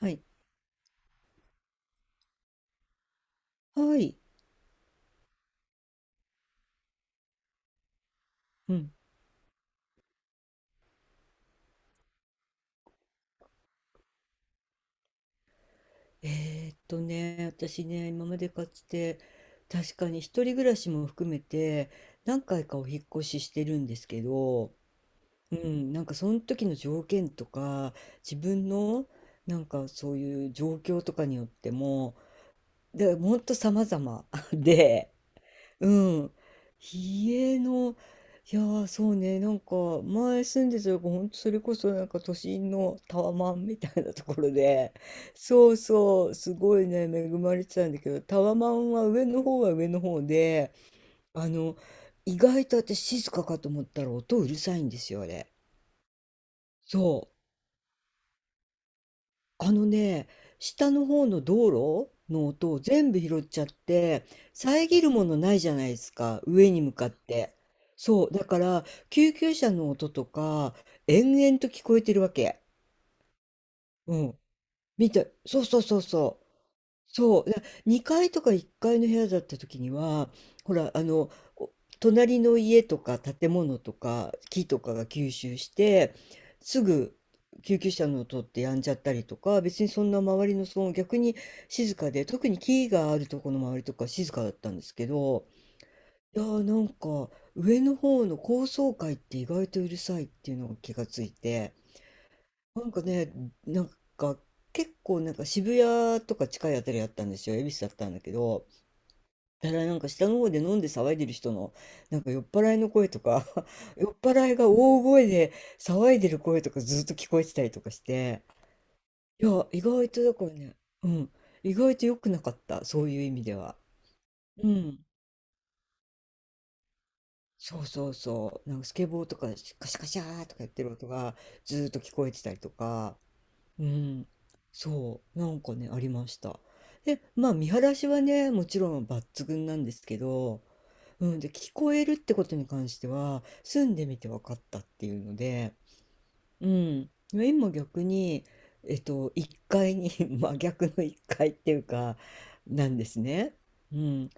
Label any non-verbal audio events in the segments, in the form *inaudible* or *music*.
はい。はい。うん。私ね、今までかつて、確かに一人暮らしも含めて、何回かお引っ越ししてるんですけど、うん、なんかその時の条件とか、自分の、なんかそういう状況とかによっても、で、ほんと様々 *laughs* で、うん。家の、いやー、そうね、なんか、前住んでたとこ、ほんとそれこそなんか都心のタワマンみたいなところで、そうそう、すごいね、恵まれてたんだけど、タワマンは上の方は上の方で、あの、意外と私静かかと思ったら音うるさいんですよ、あれ。そう。あのね、下の方の道路の音を全部拾っちゃって、遮るものないじゃないですか、上に向かって。そう、だから、救急車の音とか、延々と聞こえてるわけ。うん。見て、そうそうそうそう。そう、2階とか1階の部屋だった時には、ほら、お隣の家とか建物とか木とかが吸収して、すぐ救急車の音ってやんじゃったりとか、別にそんな周りの騒音逆に静かで、特に木があるとこの周りとか静かだったんですけど、いやー、なんか上の方の高層階って意外とうるさいっていうのが気がついて、なんかね、なんか結構なんか渋谷とか近いあたりだったんですよ。恵比寿だったんだけど、ただなんか下の方で飲んで騒いでる人のなんか酔っ払いの声とか、 *laughs* 酔っ払いが大声で騒いでる声とかずっと聞こえてたりとかして、いや、意外とだからね、うん、意外と良くなかった、そういう意味では。うん。そうそうそう。なんかスケボーとかカシャカシャーとかやってる音がずーっと聞こえてたりとか、うん、そう、なんかね、ありました。で、まあ見晴らしはね、もちろん抜群なんですけど、うん、で、聞こえるってことに関しては、住んでみて分かったっていうので、うん、今逆に、1階に *laughs* 真逆の一階っていうか、なんですね。うん、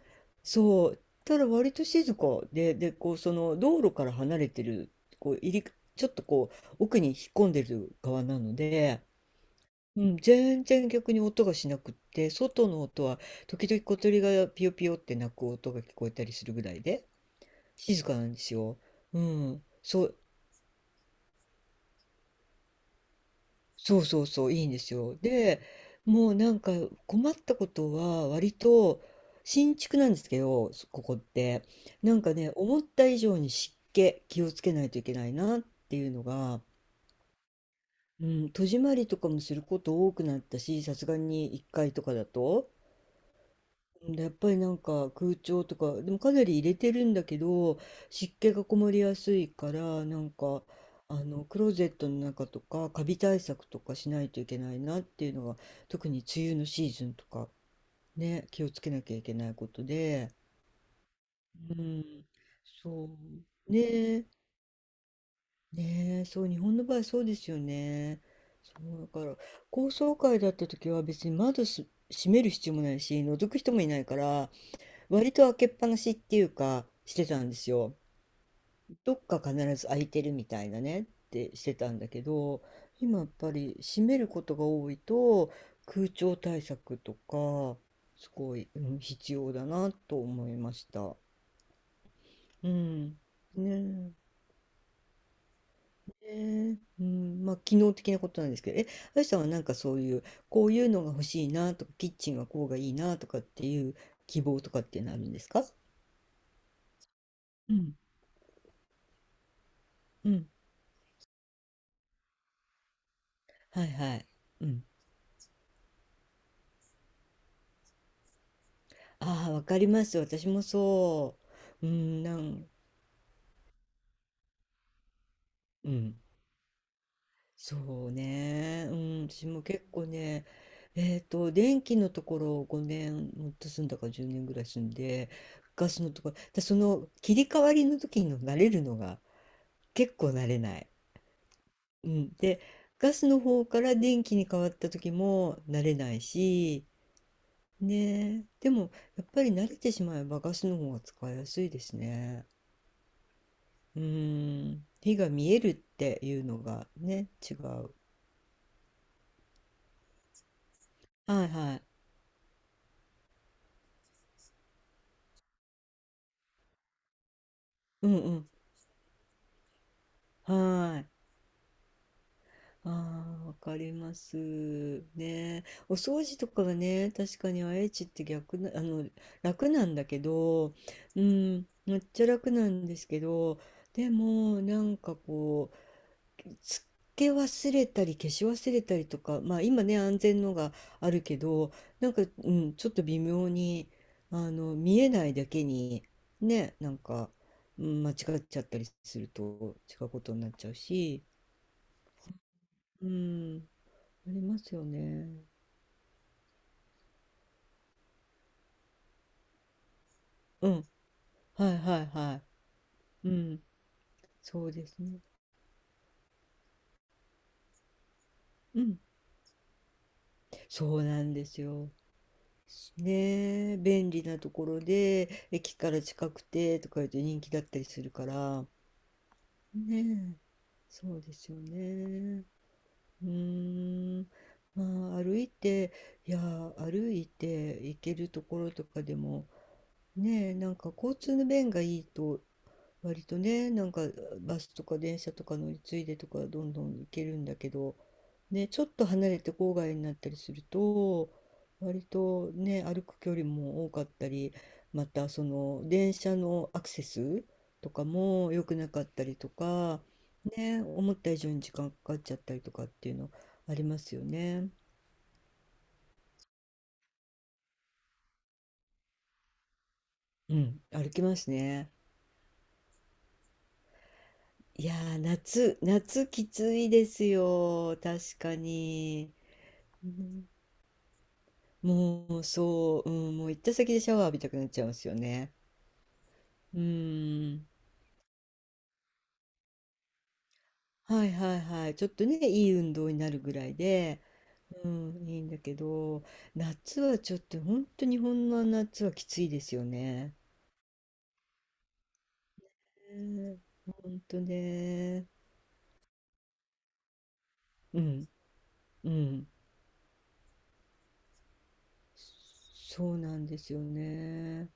そう、ただ割と静かで、こう、その道路から離れてる、こう、ちょっとこう、奥に引っ込んでる側なので、うん、全然逆に音がしなくって、外の音は時々小鳥がピヨピヨって鳴く音が聞こえたりするぐらいで、静かなんですよ。うん、そう、そうそうそう、いいんですよ。で、もうなんか困ったことは、割と新築なんですけど、そここって、なんかね、思った以上に湿気気をつけないといけないなっていうのが、うん、戸締まりとかもすること多くなったし、さすがに1階とかだと。うん、やっぱりなんか空調とか、でもかなり入れてるんだけど、湿気がこもりやすいから、なんか、クローゼットの中とか、カビ対策とかしないといけないなっていうのが、特に梅雨のシーズンとか、ね、気をつけなきゃいけないことで、うん、そう、ねえ、ねえ、そう、日本の場合そうですよね。そう、だから、高層階だった時は別に窓閉める必要もないし、覗く人もいないから、割と開けっぱなしっていうかしてたんですよ。どっか必ず開いてるみたいなねってしてたんだけど、今やっぱり閉めることが多いと、空調対策とかすごい、うん、必要だなと思いました。うん。ねえ。ねえ、うん、まあ機能的なことなんですけど、あやさんはなんかそういうこういうのが欲しいなとか、キッチンはこうがいいなとかっていう希望とかっていうのあるんですか？うん。うん。はいはい。うん。ああ、わかります。私もそう。うん、そうね。うん、私も結構ね、電気のところを5年、もっと住んだか10年ぐらい住んで、ガスのところ、でその切り替わりの時に慣れるのが、結構慣れない。うん、で、ガスの方から電気に変わった時も慣れないし、ねえ、でもやっぱり慣れてしまえばガスの方が使いやすいですね。うーん、火が見えるっていうのがね、違う。はいはい。うんうん。はい。ああ、わかります。ね。お掃除とかはね、確かに愛知って逆な、楽なんだけど、うん、めっちゃ楽なんですけど、でも、なんかつけ忘れたり消し忘れたりとか、まあ今ね、安全のがあるけど、なんか、うん、ちょっと微妙に、見えないだけに、ね、なんか、うん、間違っちゃったりすると違うことになっちゃうし、うん、ありますよね。うん、はいはいはい。うん、そうですね。うん、そうなんですよ。ねえ、便利なところで、駅から近くてとか言うと人気だったりするから、ねえ、そうですよね。うーん、まあ、歩いて行けるところとかでも、ねえ、なんか交通の便がいいと、割とね、なんかバスとか電車とか乗り継いでとか、どんどん行けるんだけど、ね、ちょっと離れて郊外になったりすると、割とね、歩く距離も多かったり、またその電車のアクセスとかも良くなかったりとか、ね、思った以上に時間かかっちゃったりとかっていうのありますよね。うん、歩きますね。いやー、夏きついですよ、確かに。うん、もう、そう、うん、もう行った先でシャワー浴びたくなっちゃうんですよね。うーん。はいはいはい。ちょっとね、いい運動になるぐらいで、うん、いいんだけど、夏はちょっとほんと、日本の夏はきついですよね。ねえ、本当ね。うん、うん。そうなんですよね。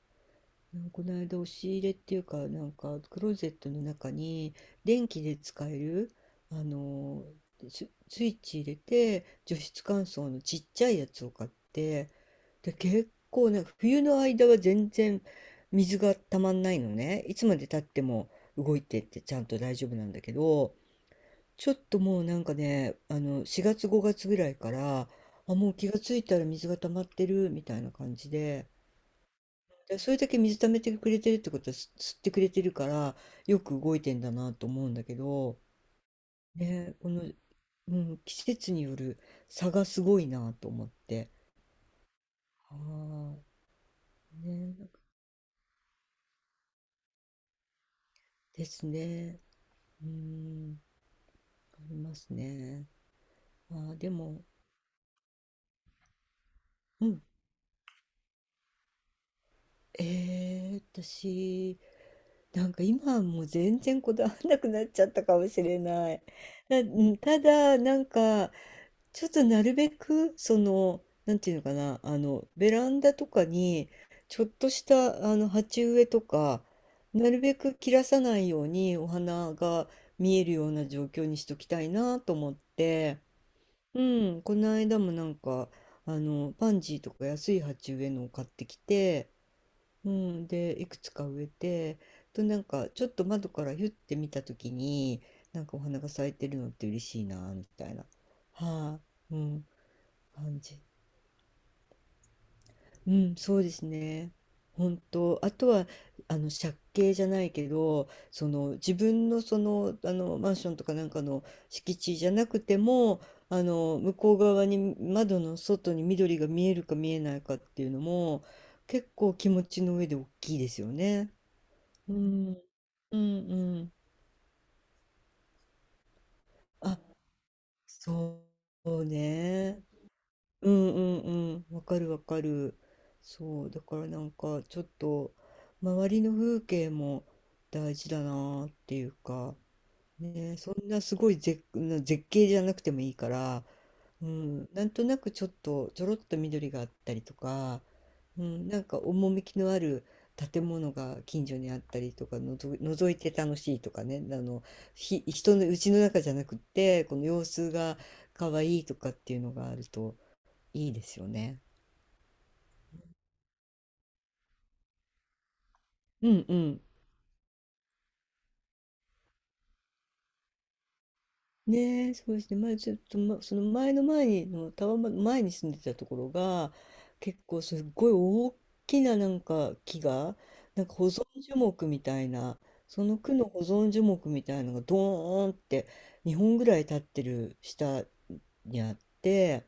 うん、この間押し入れっていうか、なんかクローゼットの中に、電気で使えるあのスイッチ入れて除湿乾燥のちっちゃいやつを買って、で、結構なんか冬の間は全然水がたまんないのね、いつまでたっても。動いてって、ちゃんと大丈夫なんだけど、ちょっともうなんかね、4月5月ぐらいから、あ、もう気がついたら水が溜まってるみたいな感じで。でそれだけ水溜めてくれてるってことは、吸ってくれてるから、よく動いてんだなと思うんだけど、ね、この、うん、季節による差がすごいなと思って。はあ、ね、なんかですね。うん、ありますね。ああ、でも、うん、私、なんか今はもう全然こだわらなくなっちゃったかもしれない。なうただ、ちょっとなるべく、なんていうのかな、ベランダとかに、ちょっとした、鉢植えとか、なるべく切らさないようにお花が見えるような状況にしときたいなと思って、うん、この間も、パンジーとか安い鉢植えのを買ってきて、うん、で、いくつか植えて、となんか、ちょっと窓からヒュッて見た時に、なんかお花が咲いてるのって嬉しいなみたいな。はい、うん。感じ。うん、そうですね。本当。あとは、借景じゃないけど、その、自分のその、あの、マンションとかなんかの敷地じゃなくても、向こう側に、窓の外に緑が見えるか見えないかっていうのも、結構気持ちの上で大きいですよね。うん、うん、うん。あ、そうね。うんうんうわかるわかる。そう、だからなんかちょっと周りの風景も大事だなっていうか、ね、そんなすごい絶景じゃなくてもいいから、うん、なんとなくちょっとちょろっと緑があったりとか、うん、なんか趣のある建物が近所にあったりとか覗いて楽しいとかね、人の家の中じゃなくって、この様子が可愛いとかっていうのがあると。いいですよね。うんうん。ねえ、そうですね。前ちょっと、ま、その前の前にのタワマン前に住んでたところが、結構すっごい大きななんか木が、なんか保存樹木みたいな、その区の保存樹木みたいなのがドーンって2本ぐらい立ってる下にあって、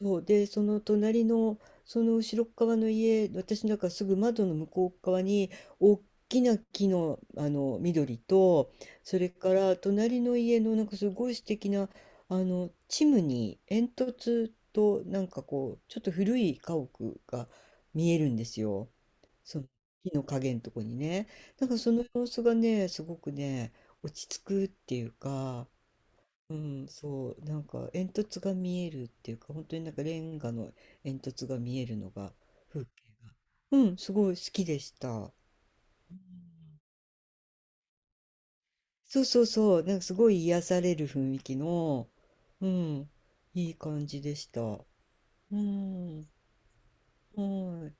そうでその隣のその後ろっ側の家、私なんかすぐ窓の向こう側に大きな木の、あの緑と、それから隣の家のなんかすごい素敵なあのチムニー煙突と、なんかこうちょっと古い家屋が見えるんですよ、その木の影のとこにね。なんかその様子がねすごくね落ち着くっていうか、うん、そう、なんか煙突が見えるっていうか、本当になんかレンガの煙突が見えるのが、風景が。うん、すごい好きでした。そうそうそう、なんかすごい癒される雰囲気の、うん、いい感じでした。うん、はい。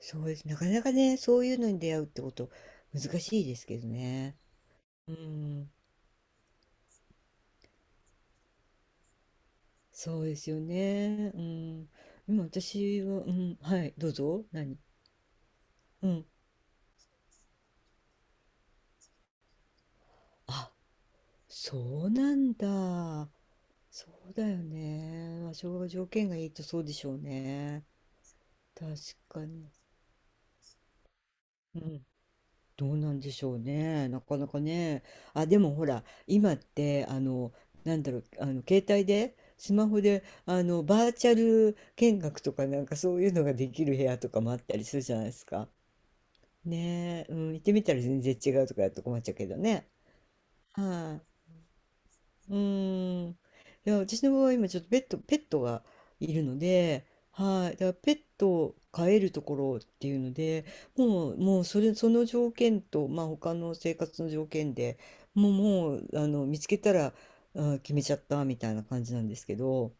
そうです。なかなかね、そういうのに出会うってこと、難しいですけどね。うん、そうですよね。うん、今私は、うん、はい、どうぞ、何。うん。あ、そうなんだ。そうだよね。まあ、昭条件がいいとそうでしょうね。確かに。うん。どうなんでしょうね。なかなかね。あ、でもほら、今って、携帯で、スマホで、バーチャル見学とかなんかそういうのができる部屋とかもあったりするじゃないですか。ねえ、うん、行ってみたら全然違うとかやると困っちゃうけどね。はい。うーん。いや、私の場合、今ちょっとペットがいるので、はい。だからペットを飼えるところっていうので、もうそれ、その条件と、まあ他の生活の条件でもう、見つけたら、あ、決めちゃったみたいな感じなんですけど、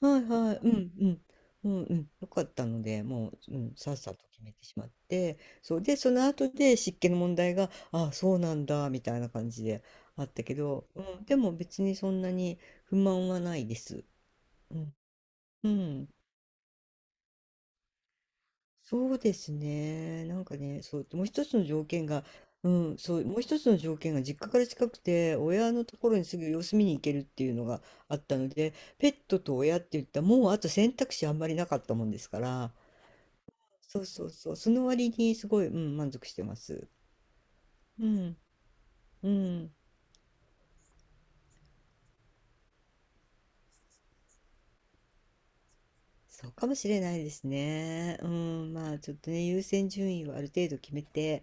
はいはい、うんうん、うんうん、良かったので、もう、うん、さっさと決めてしまって、そうで、その後で湿気の問題が、ああ、そうなんだ、みたいな感じであったけど、うん、でも別にそんなに不満はないです。うん、うん、そうですね、なんかね、そう、もう一つの条件が、うん、そう、もう一つの条件が実家から近くて、親のところにすぐ様子見に行けるっていうのがあったので、ペットと親って言ったら、もうあと選択肢あんまりなかったもんですから、そうそうそう。その割にすごい、うん、満足してます。うん、うん。そうかもしれないですね。うん、まあちょっとね、優先順位をある程度決めて、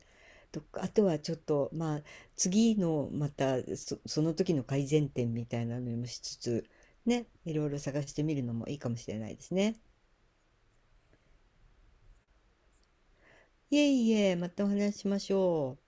とか、あとはちょっと、まあ次のまたその時の改善点みたいなのもしつつ、ね、いろいろ探してみるのもいいかもしれないですね。いえいえ、またお話ししましょう。